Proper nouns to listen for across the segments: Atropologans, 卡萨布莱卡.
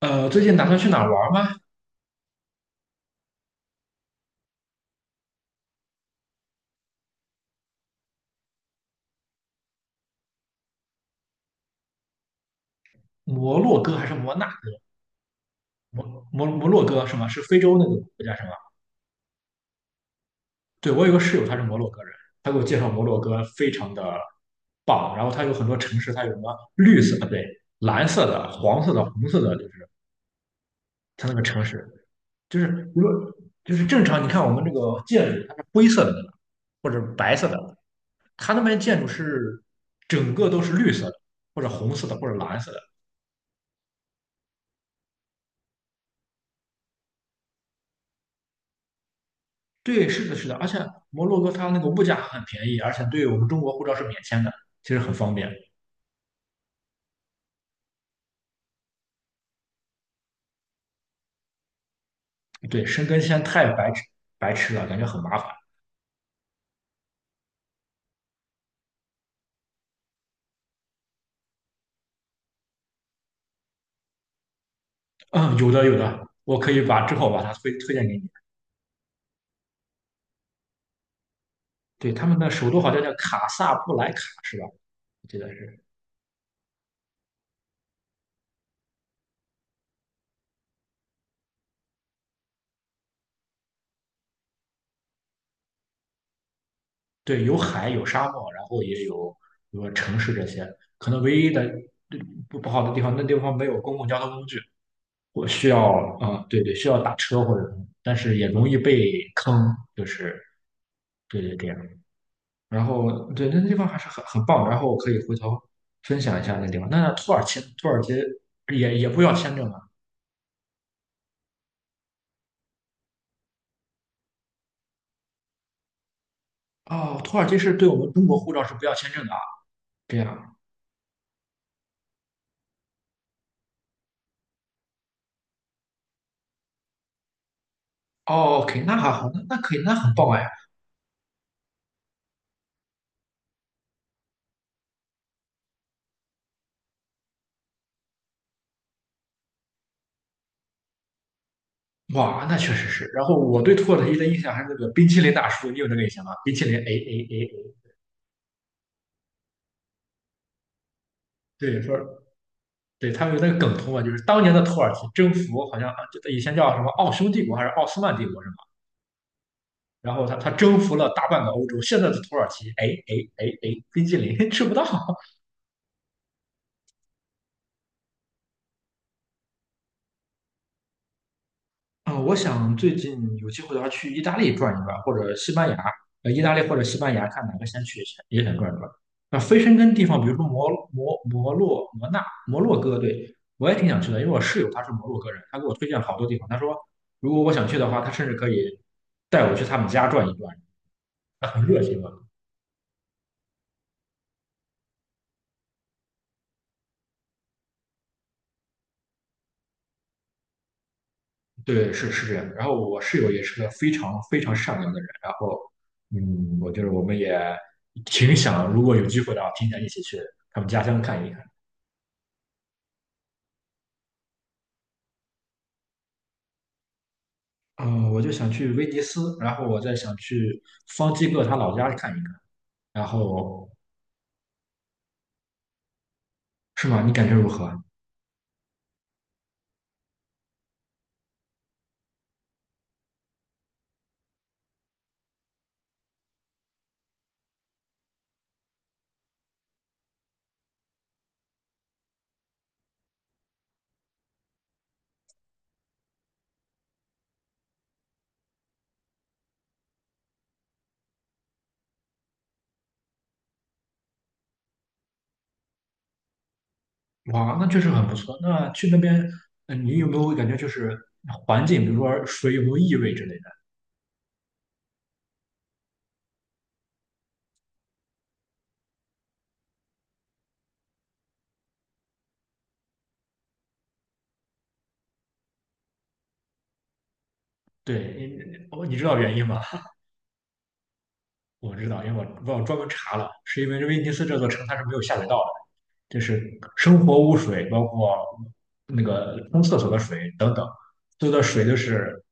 最近打算去哪儿玩吗？摩洛哥还是摩纳？摩摩洛哥是吗？是非洲那个国家是吗？对，我有个室友，他是摩洛哥人，他给我介绍摩洛哥非常的棒，然后他有很多城市，它有什么绿色，啊对，蓝色的、黄色的、红色的，就是它那个城市，就是如果就是正常，你看我们这个建筑，它是灰色的对吧，或者白色的，它那边建筑是整个都是绿色的，或者红色的，或者蓝色的。对，是的，是的，而且摩洛哥它那个物价很便宜，而且对我们中国护照是免签的，其实很方便。对，申根签太白痴了，感觉很麻烦。嗯，有的有的，我可以把之后把它推荐给你。对，他们的首都好像叫卡萨布莱卡，是吧？我记得是。对，有海，有沙漠，然后也有比如说城市这些。可能唯一的，对，不好的地方，那地方没有公共交通工具，我需要，对对，需要打车或者什么，但是也容易被坑，就是对对对。然后，对，那个地方还是很棒的。然后我可以回头分享一下那地方。那土耳其，土耳其也不要签证啊？哦，土耳其是对我们中国护照是不要签证的啊？这样。哦，OK，那还好，那可以，那很棒哎。哇，那确实是。然后我对土耳其的印象还是那个冰淇淋大叔，你有那个印象吗？冰淇淋，a a a 哎，对，说，对他们有那个梗图嘛，就是当年的土耳其征服好像啊，这以前叫什么奥匈帝国还是奥斯曼帝国是吧？然后他征服了大半个欧洲，现在的土耳其，哎哎哎哎，冰激凌吃不到。嗯，我想最近有机会的话去意大利转一转，或者西班牙，意大利或者西班牙，看哪个先去也想转一转。那非申根地方，比如说摩洛哥，对我也挺想去的，因为我室友他是摩洛哥人，他给我推荐好多地方，他说如果我想去的话，他甚至可以带我去他们家转一转，他很热情啊。对，是这样的。然后我室友也是个非常非常善良的人。然后，我就是我们也挺想，如果有机会的话，挺想一起去他们家乡看一看。嗯、我就想去威尼斯，然后我再想去方基哥他老家看一看。然后是吗？你感觉如何啊？哇，那确实很不错。那去那边，你有没有感觉就是环境，比如说水有没有异味之类的？对，你知道原因吗？我知道，因为我专门查了，是因为威尼斯这座城它是没有下水道的。就是生活污水，包括那个冲厕所的水等等，所有的水都是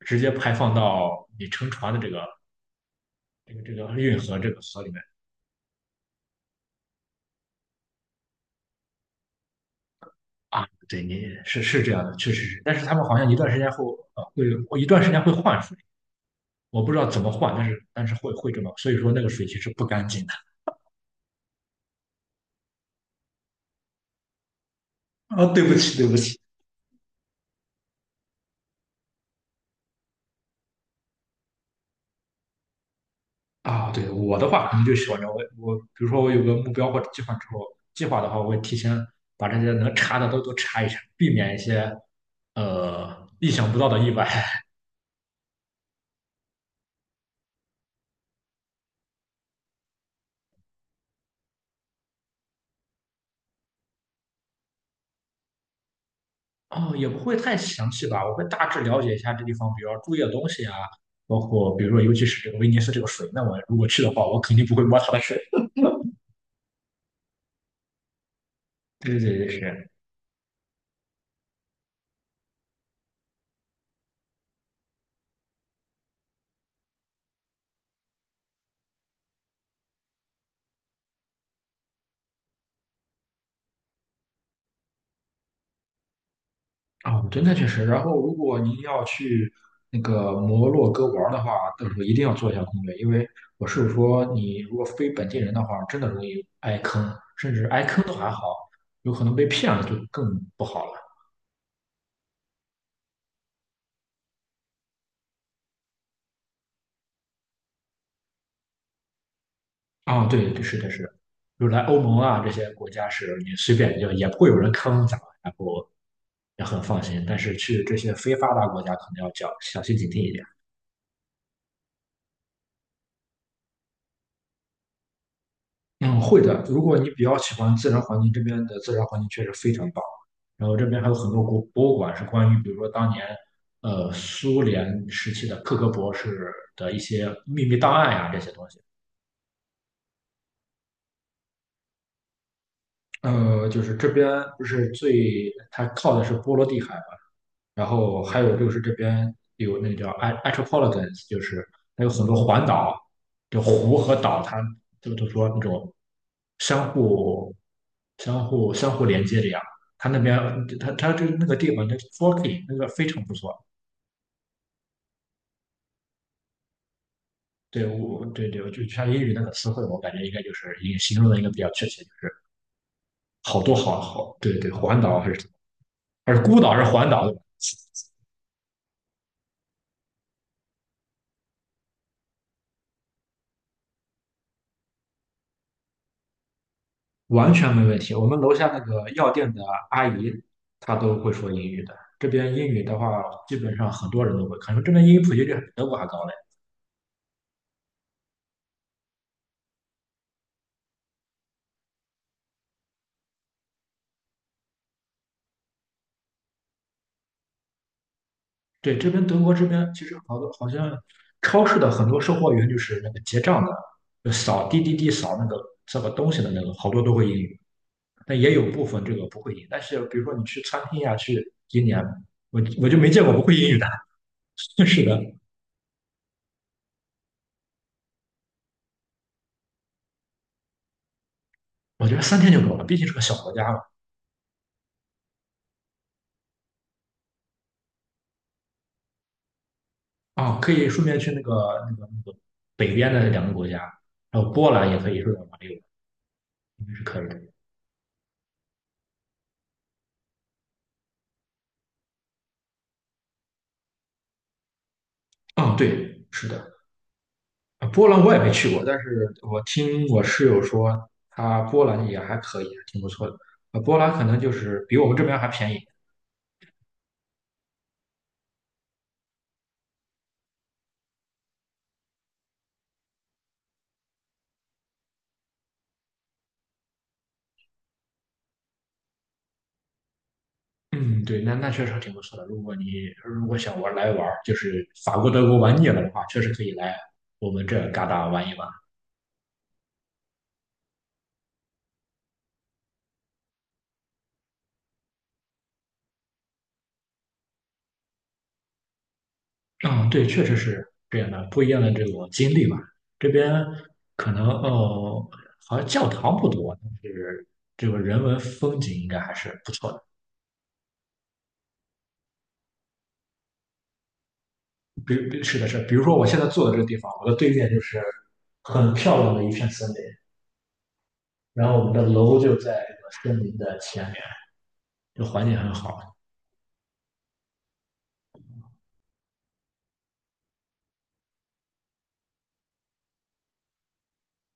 直接排放到你乘船的这个运河河里面啊。对，你是这样的，确实是。但是他们好像一段时间后，会，我一段时间会换水，我不知道怎么换，但是会这么，所以说那个水其实不干净的。啊，对不起，对不起。啊，对，我的话可能就喜欢，我比如说我有个目标或者计划之后，计划的话，我会提前把这些能查的都查一查，避免一些意想不到的意外。哦，也不会太详细吧，我会大致了解一下这地方，比如要注意的东西啊，包括比如说尤其是这个威尼斯这个水，那我如果去的话，我肯定不会摸它的水。对对对，是。啊，真的确实。然后，如果您要去那个摩洛哥玩儿的话，到时候一定要做一下攻略，因为我是说，你如果非本地人的话，真的容易挨坑，甚至挨坑都还好，有可能被骗了就更不好了。啊，对，对，是的，是的。比如来欧盟啊这些国家是你随便就也不会有人坑咱们，然后也很放心。但是去这些非发达国家可能要较小心警惕一点。嗯，会的。如果你比较喜欢自然环境，这边的自然环境确实非常棒。然后这边还有很多国博物馆是关于，比如说当年，苏联时期的克格勃是的一些秘密档案呀、这些东西。就是这边不是最，它靠的是波罗的海嘛，然后还有就是这边有那个叫 Atropologans，就是还有很多环岛，就湖和岛，它就说那种相互、相互连接这样。它那边，它就是那个地方，那 f o r k i n g 那个非常不错。对，我对对，就像英语那个词汇，我感觉应该就是也形容的应该比较确切，就是好多好好，对对，环岛还是什么，还是孤岛还是环岛，完全没问题。我们楼下那个药店的阿姨，她都会说英语的。这边英语的话，基本上很多人都会。可能这边英语普及率还比德国还高嘞。对，这边德国这边其实好多好像超市的很多售货员就是那个结账的，就扫滴滴滴扫那个扫个东西的那个，好多都会英语。但也有部分这个不会英语，但是比如说你去餐厅呀、去今年我就没见过不会英语的。是的，我觉得三天就够了，毕竟是个小国家嘛。啊，可以顺便去那个北边的两个国家，然后波兰也可以顺便玩一玩，应该是可以的。啊，对，是的。啊波兰我也没去过，但是我听我室友说，他波兰也还可以，挺不错的。啊，波兰可能就是比我们这边还便宜。嗯，对，那确实挺不错的。如果想玩来玩儿就是法国、德国玩腻了的话，确实可以来我们这嘎达玩一玩。嗯，对，确实是这样的，不一样的这种经历吧。这边可能哦，好像教堂不多，但是这个人文风景应该还是不错的。比如比是的是的，比如说我现在坐的这个地方，我的对面就是很漂亮的一片森林，然后我们的楼就在这个森林的前面，就环境很好。